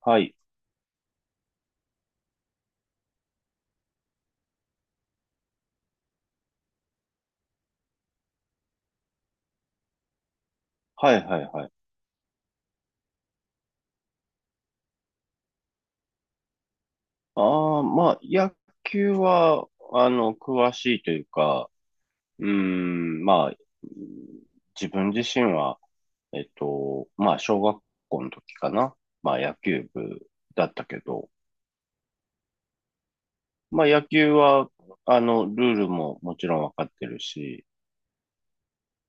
はい。はいはいはい。ああ、まあ、野球は、詳しいというか、うーん、まあ、自分自身は、まあ、小学校の時かな。まあ、野球部だったけど、まあ、野球は、ルールももちろんわかってるし、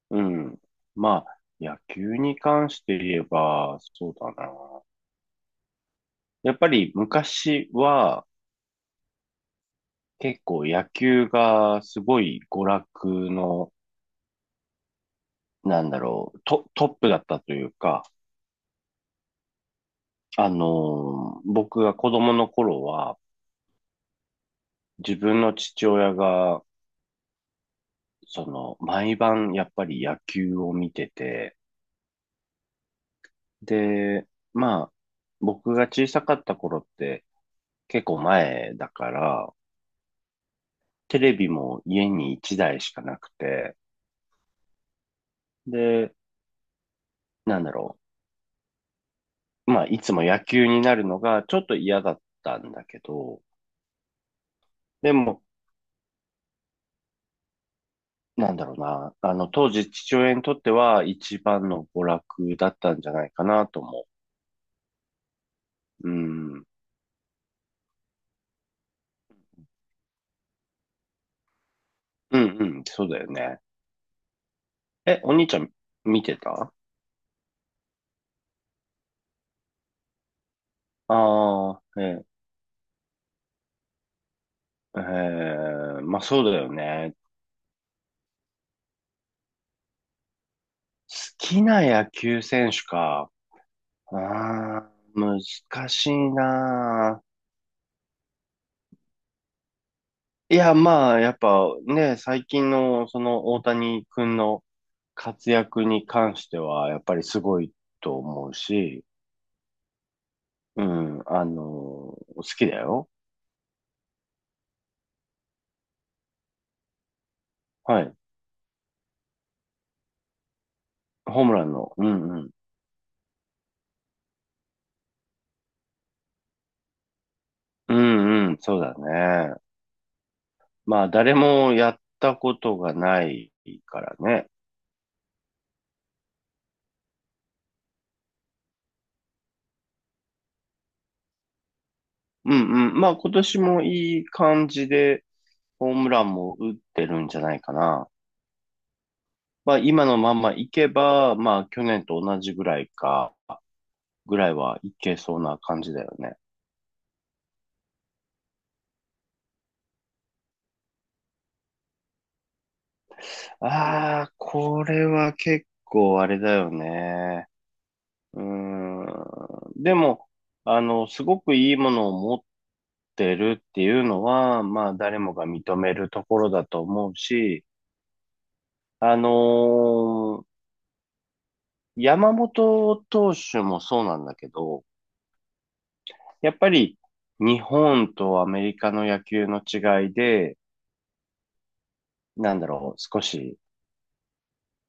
うん。まあ、野球に関して言えば、そうだな。やっぱり昔は、結構野球がすごい娯楽の、なんだろう、トップだったというか、あの僕が子供の頃は、自分の父親が、毎晩やっぱり野球を見てて、で、まあ、僕が小さかった頃って結構前だから、テレビも家に1台しかなくて、で、なんだろう、まあ、いつも野球になるのがちょっと嫌だったんだけど、でも、なんだろうな。当時父親にとっては一番の娯楽だったんじゃないかなと思う。うん。うんうん、そうだよね。え、お兄ちゃん見てた？ああー、え、まあそうだよね。好きな野球選手か。ああ、難しいな。いや、まあ、やっぱね、最近のその大谷君の活躍に関しては、やっぱりすごいと思うし、うん、好きだよ。はい。ホームランの。うんうん。うんうん、そうだね。まあ、誰もやったことがないからね。うんうん。まあ、今年もいい感じで、ホームランも打ってるんじゃないかな。まあ、今のまんまいけば、まあ、去年と同じぐらいか、ぐらいはいけそうな感じだよね。ああ、これは結構あれだよね。うん。でも、すごくいいものを持ってるっていうのは、まあ、誰もが認めるところだと思うし、あのー山本投手もそうなんだけど、やっぱり日本とアメリカの野球の違いで、なんだろう、少し、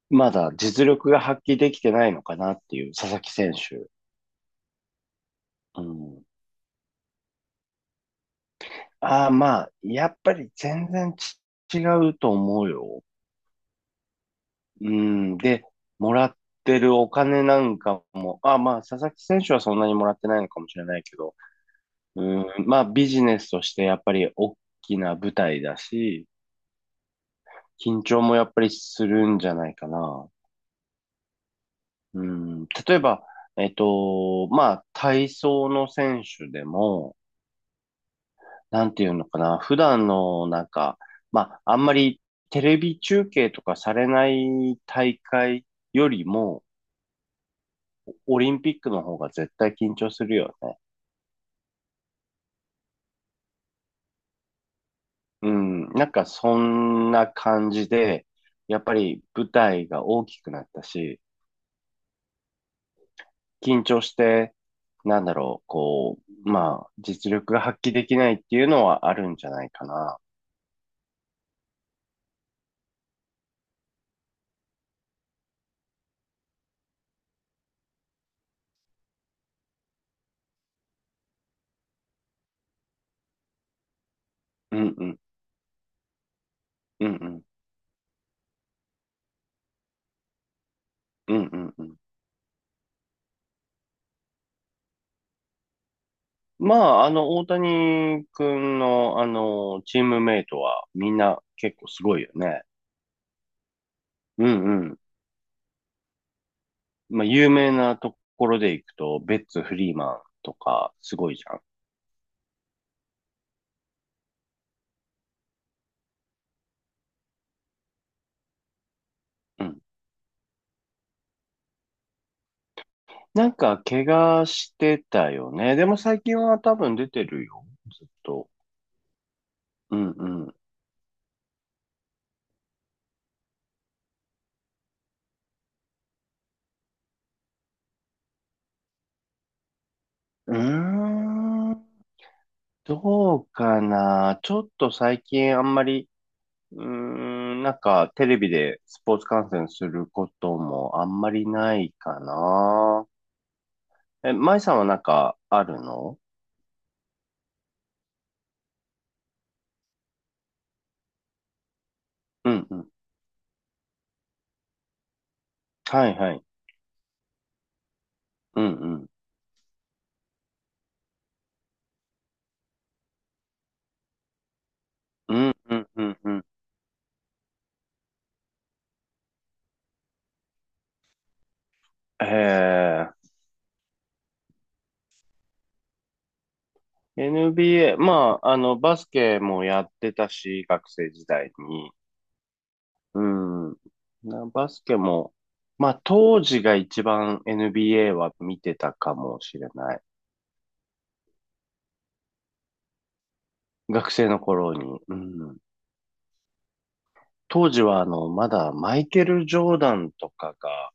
まだ実力が発揮できてないのかなっていう、佐々木選手。うん。ああ、まあ、やっぱり全然違うと思うよ。うん。で、もらってるお金なんかも、あ、まあ、佐々木選手はそんなにもらってないのかもしれないけど、うん、まあ、ビジネスとしてやっぱり大きな舞台だし、緊張もやっぱりするんじゃないかな。うん、例えば、まあ、体操の選手でも、なんていうのかな、普段のなんか、まあ、あんまりテレビ中継とかされない大会よりも、オリンピックの方が絶対緊張するよね。うん、なんかそんな感じで、やっぱり舞台が大きくなったし、緊張して、なんだろう、こう、まあ、実力が発揮できないっていうのはあるんじゃないかな。うんうん、うんうん、うんうんうん。まあ、大谷君の、チームメイトはみんな結構すごいよね。うんうん。まあ、有名なところで行くと、ベッツ・フリーマンとか、すごいじゃん。うんなんか、怪我してたよね。でも最近は多分出てるよ。ずっと。うんうん。うーん。どうかな。ちょっと最近あんまり、うーん、なんかテレビでスポーツ観戦することもあんまりないかな。え、舞さんはなんかあるの？うんうん。はいはい。うんうん。うんうんうんうん。えー、NBA、まあ、バスケもやってたし、学生時代に。うん。なバスケも、まあ当時が一番 NBA は見てたかもしれない。学生の頃に。うん。当時はまだマイケル・ジョーダンとかが、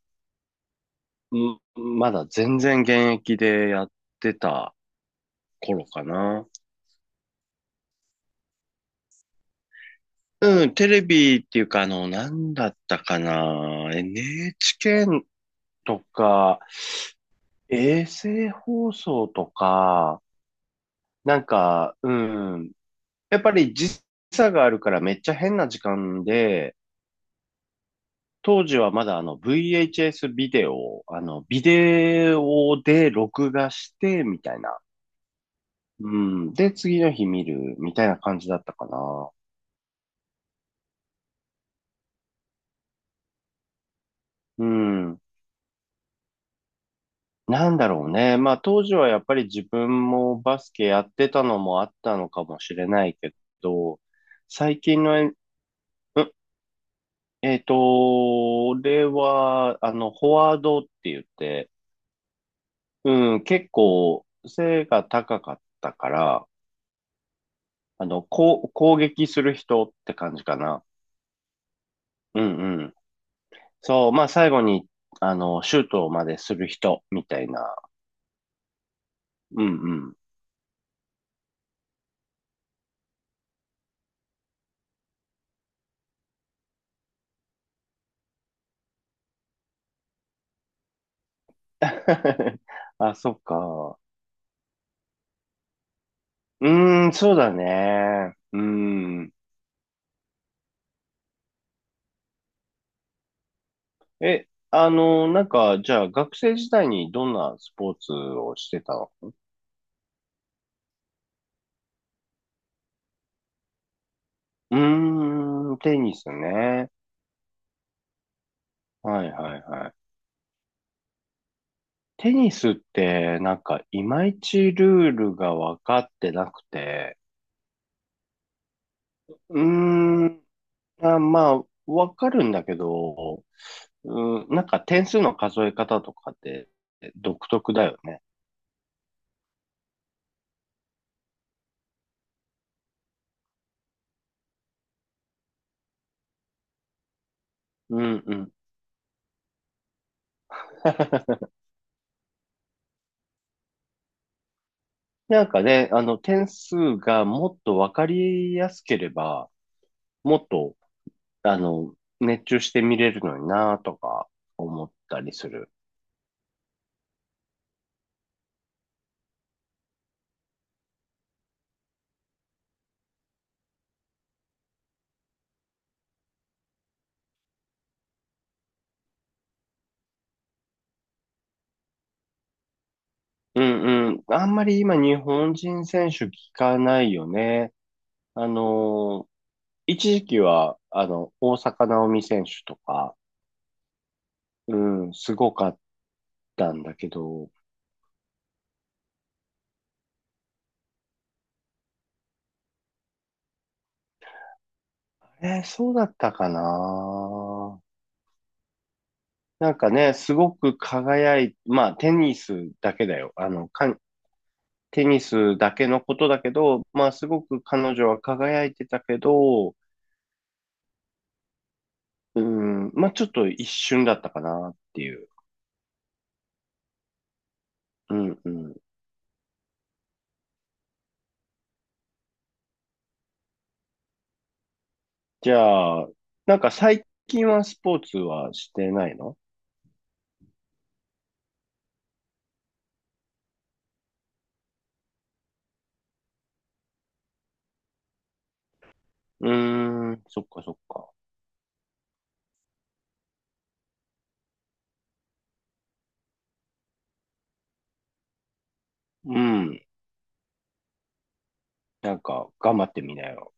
うんまだ全然現役でやってた頃かな。うん、テレビっていうかなんだったかな。NHK とか、衛星放送とか、なんか、うん、やっぱり時差があるからめっちゃ変な時間で、当時はまだあの VHS ビデオ、あのビデオで録画してみたいな。うん。で、次の日見るみたいな感じだったかな。うん。なんだろうね。まあ当時はやっぱり自分もバスケやってたのもあったのかもしれないけど、最近のうん俺は、フォワードって言って、うん、結構背が高かったから、こう、攻撃する人って感じかな。うんうん。そう、まあ最後に、シュートまでする人みたいな。うんうん。あ、そっか。うーん、そうだね。うん。え、なんか、じゃあ学生時代にどんなスポーツをしてたの？うーん、テニスね。はいはいはい。テニスってなんかいまいちルールが分かってなくて、うーん、あ、まあ、分かるんだけど、うん、なんか点数の数え方とかって独特だよね。うんうん。なんかね、あの点数がもっと分かりやすければ、もっと、あの、熱中して見れるのになとか思ったりする。うんうん。あんまり今日本人選手聞かないよね。あのー一時期は、大坂なおみ選手とか、うん、すごかったんだけど、えーそうだったかな。なんかね、すごくまあ、テニスだけだよ。テニスだけのことだけど、まあ、すごく彼女は輝いてたけど、うん、まあ、ちょっと一瞬だったかなっていう。うんうん。じゃあ、なんか最近はスポーツはしてないの？うーん、そっかそっか。うん。なんか、頑張ってみなよ。